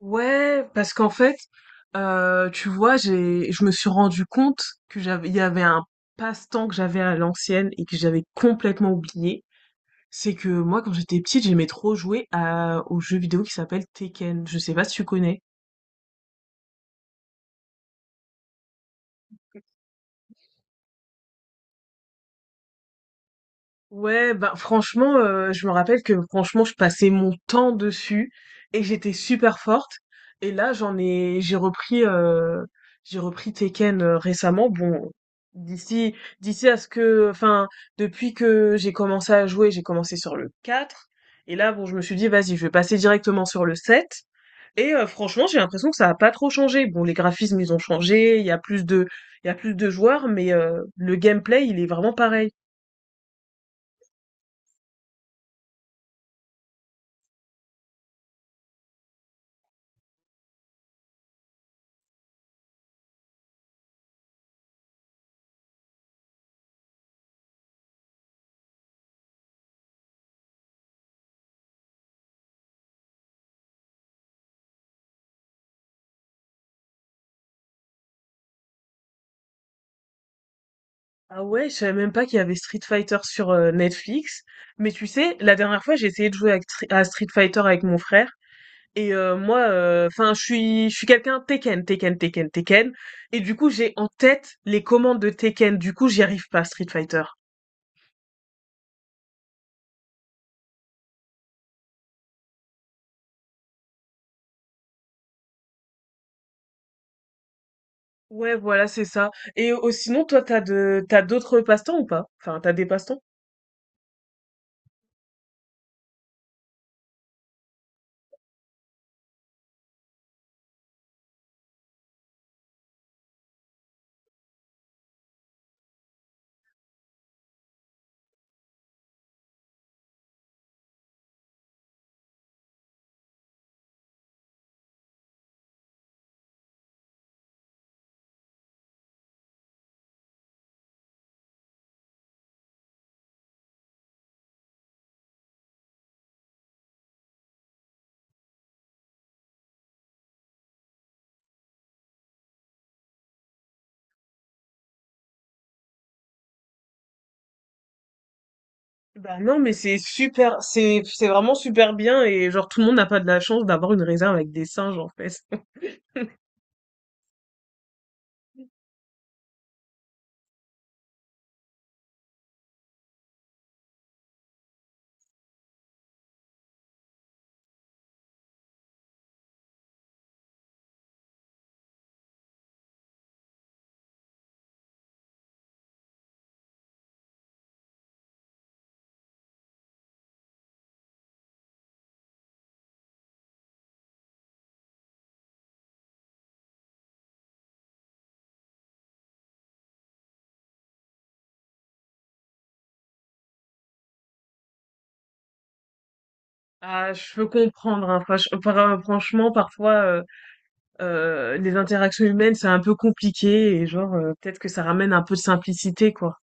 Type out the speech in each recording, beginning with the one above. Ouais, parce qu'en fait, tu vois, je me suis rendu compte que il y avait un passe-temps que j'avais à l'ancienne et que j'avais complètement oublié. C'est que moi, quand j'étais petite, j'aimais trop jouer au jeu vidéo qui s'appelle Tekken. Je sais pas si tu connais. Ouais, bah franchement, je me rappelle que franchement, je passais mon temps dessus et j'étais super forte. Et là, j'ai repris Tekken récemment. Bon, d'ici, d'ici à ce que, enfin, depuis que j'ai commencé à jouer, j'ai commencé sur le 4. Et là, bon, je me suis dit, vas-y, je vais passer directement sur le 7. Et franchement, j'ai l'impression que ça a pas trop changé. Bon, les graphismes, ils ont changé, il y a plus de joueurs, mais le gameplay, il est vraiment pareil. Ah ouais, je savais même pas qu'il y avait Street Fighter sur Netflix. Mais tu sais, la dernière fois, j'ai essayé de jouer à Street Fighter avec mon frère. Et moi, enfin, je suis quelqu'un Tekken, Tekken, Tekken, Tekken. Et du coup, j'ai en tête les commandes de Tekken. Du coup, j'y arrive pas à Street Fighter. Ouais, voilà, c'est ça. Et sinon, toi, t'as d'autres passe-temps ou pas? Enfin, t'as des passe-temps? Bah non, mais c'est super, c'est vraiment super bien et genre tout le monde n'a pas de la chance d'avoir une réserve avec des singes en fait. Ah, je peux comprendre, hein. Franchement, parfois, les interactions humaines, c'est un peu compliqué et genre, peut-être que ça ramène un peu de simplicité, quoi.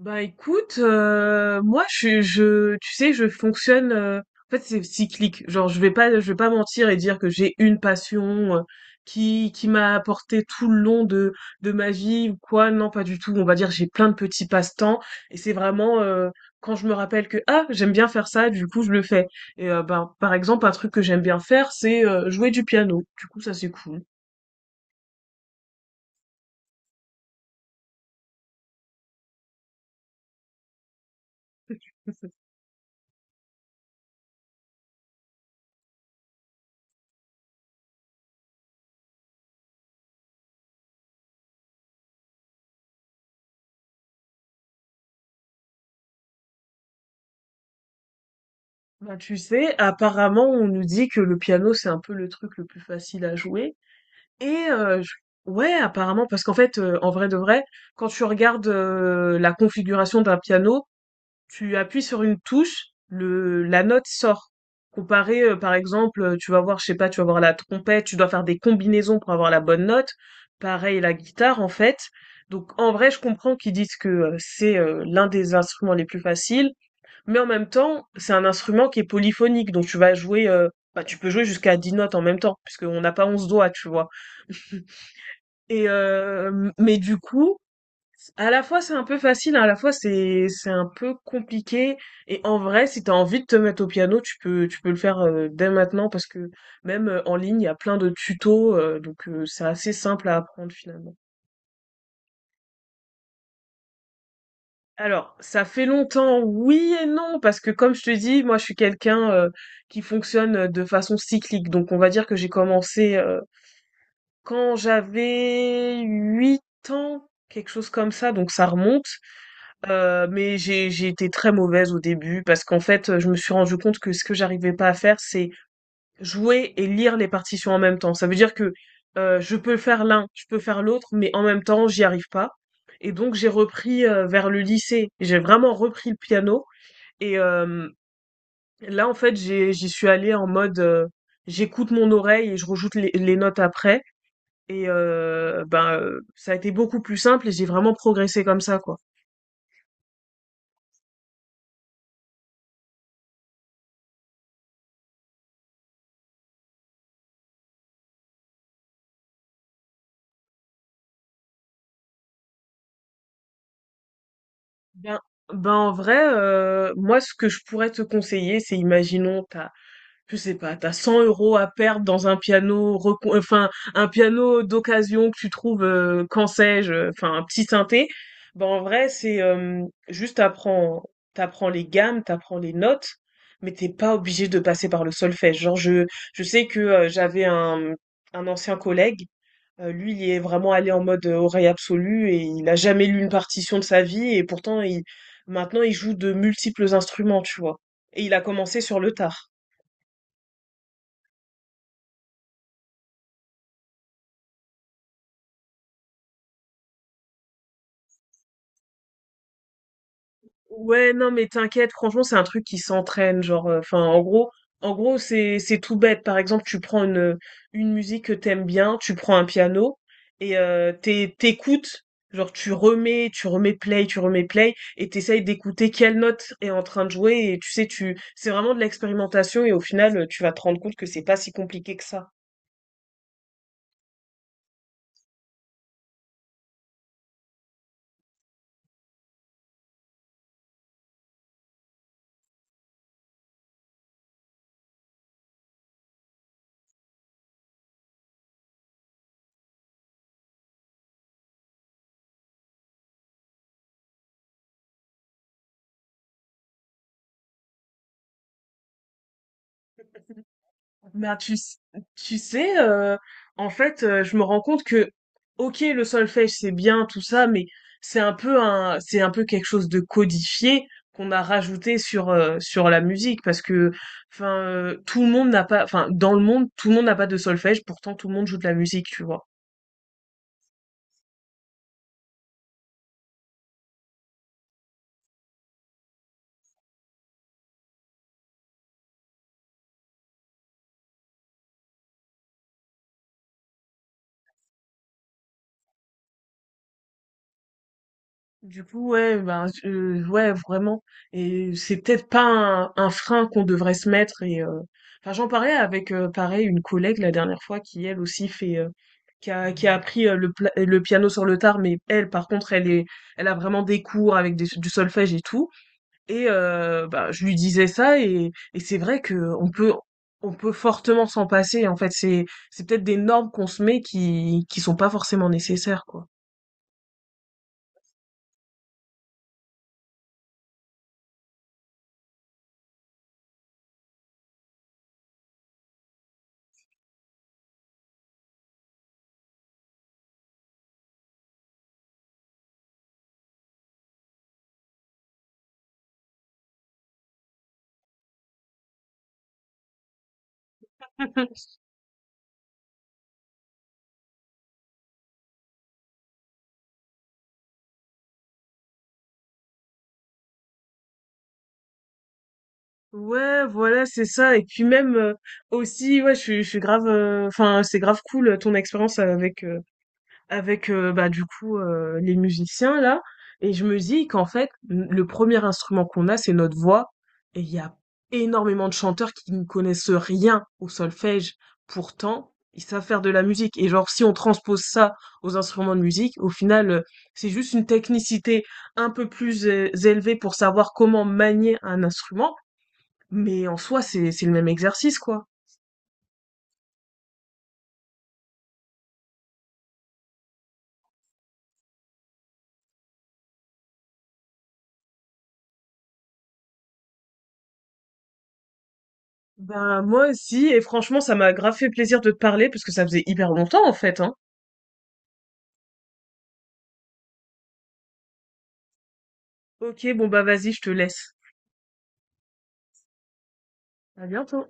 Bah écoute, moi tu sais, je fonctionne. En fait, c'est cyclique. Genre, je vais pas mentir et dire que j'ai une passion qui m'a apporté tout le long de ma vie ou quoi. Non, pas du tout. On va dire j'ai plein de petits passe-temps et c'est vraiment quand je me rappelle que ah j'aime bien faire ça, du coup je le fais. Et ben par exemple un truc que j'aime bien faire, c'est jouer du piano. Du coup ça c'est cool. Bah, tu sais, apparemment on nous dit que le piano c'est un peu le truc le plus facile à jouer. Et je ouais, apparemment, parce qu'en fait, en vrai de vrai, quand tu regardes, la configuration d'un piano, tu appuies sur une touche, le la note sort. Comparé, par exemple, tu vas voir, je sais pas, tu vas voir la trompette, tu dois faire des combinaisons pour avoir la bonne note. Pareil, la guitare, en fait. Donc en vrai, je comprends qu'ils disent que, c'est, l'un des instruments les plus faciles, mais en même temps, c'est un instrument qui est polyphonique, donc tu vas jouer, bah, tu peux jouer jusqu'à 10 notes en même temps, puisqu'on n'a pas 11 doigts, tu vois? Et mais du coup, à la fois c'est un peu facile, hein, à la fois c'est un peu compliqué. Et en vrai, si t'as envie de te mettre au piano, tu peux le faire dès maintenant parce que même en ligne, il y a plein de tutos, donc c'est assez simple à apprendre finalement. Alors, ça fait longtemps, oui et non, parce que comme je te dis, moi je suis quelqu'un qui fonctionne de façon cyclique. Donc on va dire que j'ai commencé quand j'avais 8 ans, quelque chose comme ça, donc ça remonte. Mais j'ai été très mauvaise au début parce qu'en fait, je me suis rendu compte que ce que j'arrivais pas à faire, c'est jouer et lire les partitions en même temps. Ça veut dire que je peux faire l'un, je peux faire l'autre, mais en même temps, j'y arrive pas. Et donc, j'ai repris vers le lycée. J'ai vraiment repris le piano. Et là, en fait, j'y suis allée en mode j'écoute mon oreille et je rejoute les notes après. Et ben, ça a été beaucoup plus simple et j'ai vraiment progressé comme ça, quoi. Ben, ben en vrai, moi ce que je pourrais te conseiller, c'est imaginons je sais pas, t'as 100 euros à perdre dans un piano, enfin un piano d'occasion que tu trouves, quand sais-je, enfin un petit synthé. Ben en vrai, c'est juste t'apprends les gammes, t'apprends les notes, mais t'es pas obligé de passer par le solfège. Je sais que un ancien collègue lui, il est vraiment allé en mode oreille absolue et il a jamais lu une partition de sa vie et pourtant, maintenant, il joue de multiples instruments, tu vois. Et il a commencé sur le tard. Ouais, non, mais t'inquiète, franchement, c'est un truc qui s'entraîne, genre, enfin, en gros, c'est tout bête. Par exemple, tu prends une musique que t'aimes bien, tu prends un piano et t'écoutes, genre, tu remets play, et t'essayes d'écouter quelle note est en train de jouer. Et c'est vraiment de l'expérimentation, et au final, tu vas te rendre compte que c'est pas si compliqué que ça. Ben, tu, s- Tu sais, en fait, je me rends compte que, ok, le solfège, c'est bien, tout ça, mais c'est un peu quelque chose de codifié qu'on a rajouté sur la musique, parce que, enfin, tout le monde n'a pas, enfin, dans le monde, tout le monde n'a pas de solfège, pourtant tout le monde joue de la musique, tu vois. Du coup, ouais, ben, ouais, vraiment et c'est peut-être pas un frein qu'on devrait se mettre et enfin, j'en parlais avec, pareil, une collègue la dernière fois qui, elle aussi, fait, qui a appris, le piano sur le tard mais elle, par contre, elle a vraiment des cours avec des du solfège et tout et bah, je lui disais ça et c'est vrai que on peut on peut fortement s'en passer en fait. C'est peut-être des normes qu'on se met qui sont pas forcément nécessaires, quoi. Ouais, voilà, c'est ça et puis même, aussi, ouais, je suis grave, enfin, c'est grave cool, ton expérience avec, avec bah du coup les musiciens là et je me dis qu'en fait le premier instrument qu'on a c'est notre voix et il y a énormément de chanteurs qui ne connaissent rien au solfège pourtant ils savent faire de la musique et genre si on transpose ça aux instruments de musique au final c'est juste une technicité un peu plus élevée pour savoir comment manier un instrument mais en soi c'est le même exercice quoi. Ben moi aussi et franchement ça m'a grave fait plaisir de te parler parce que ça faisait hyper longtemps en fait hein. Ok, bon bah vas-y, je te laisse. À bientôt.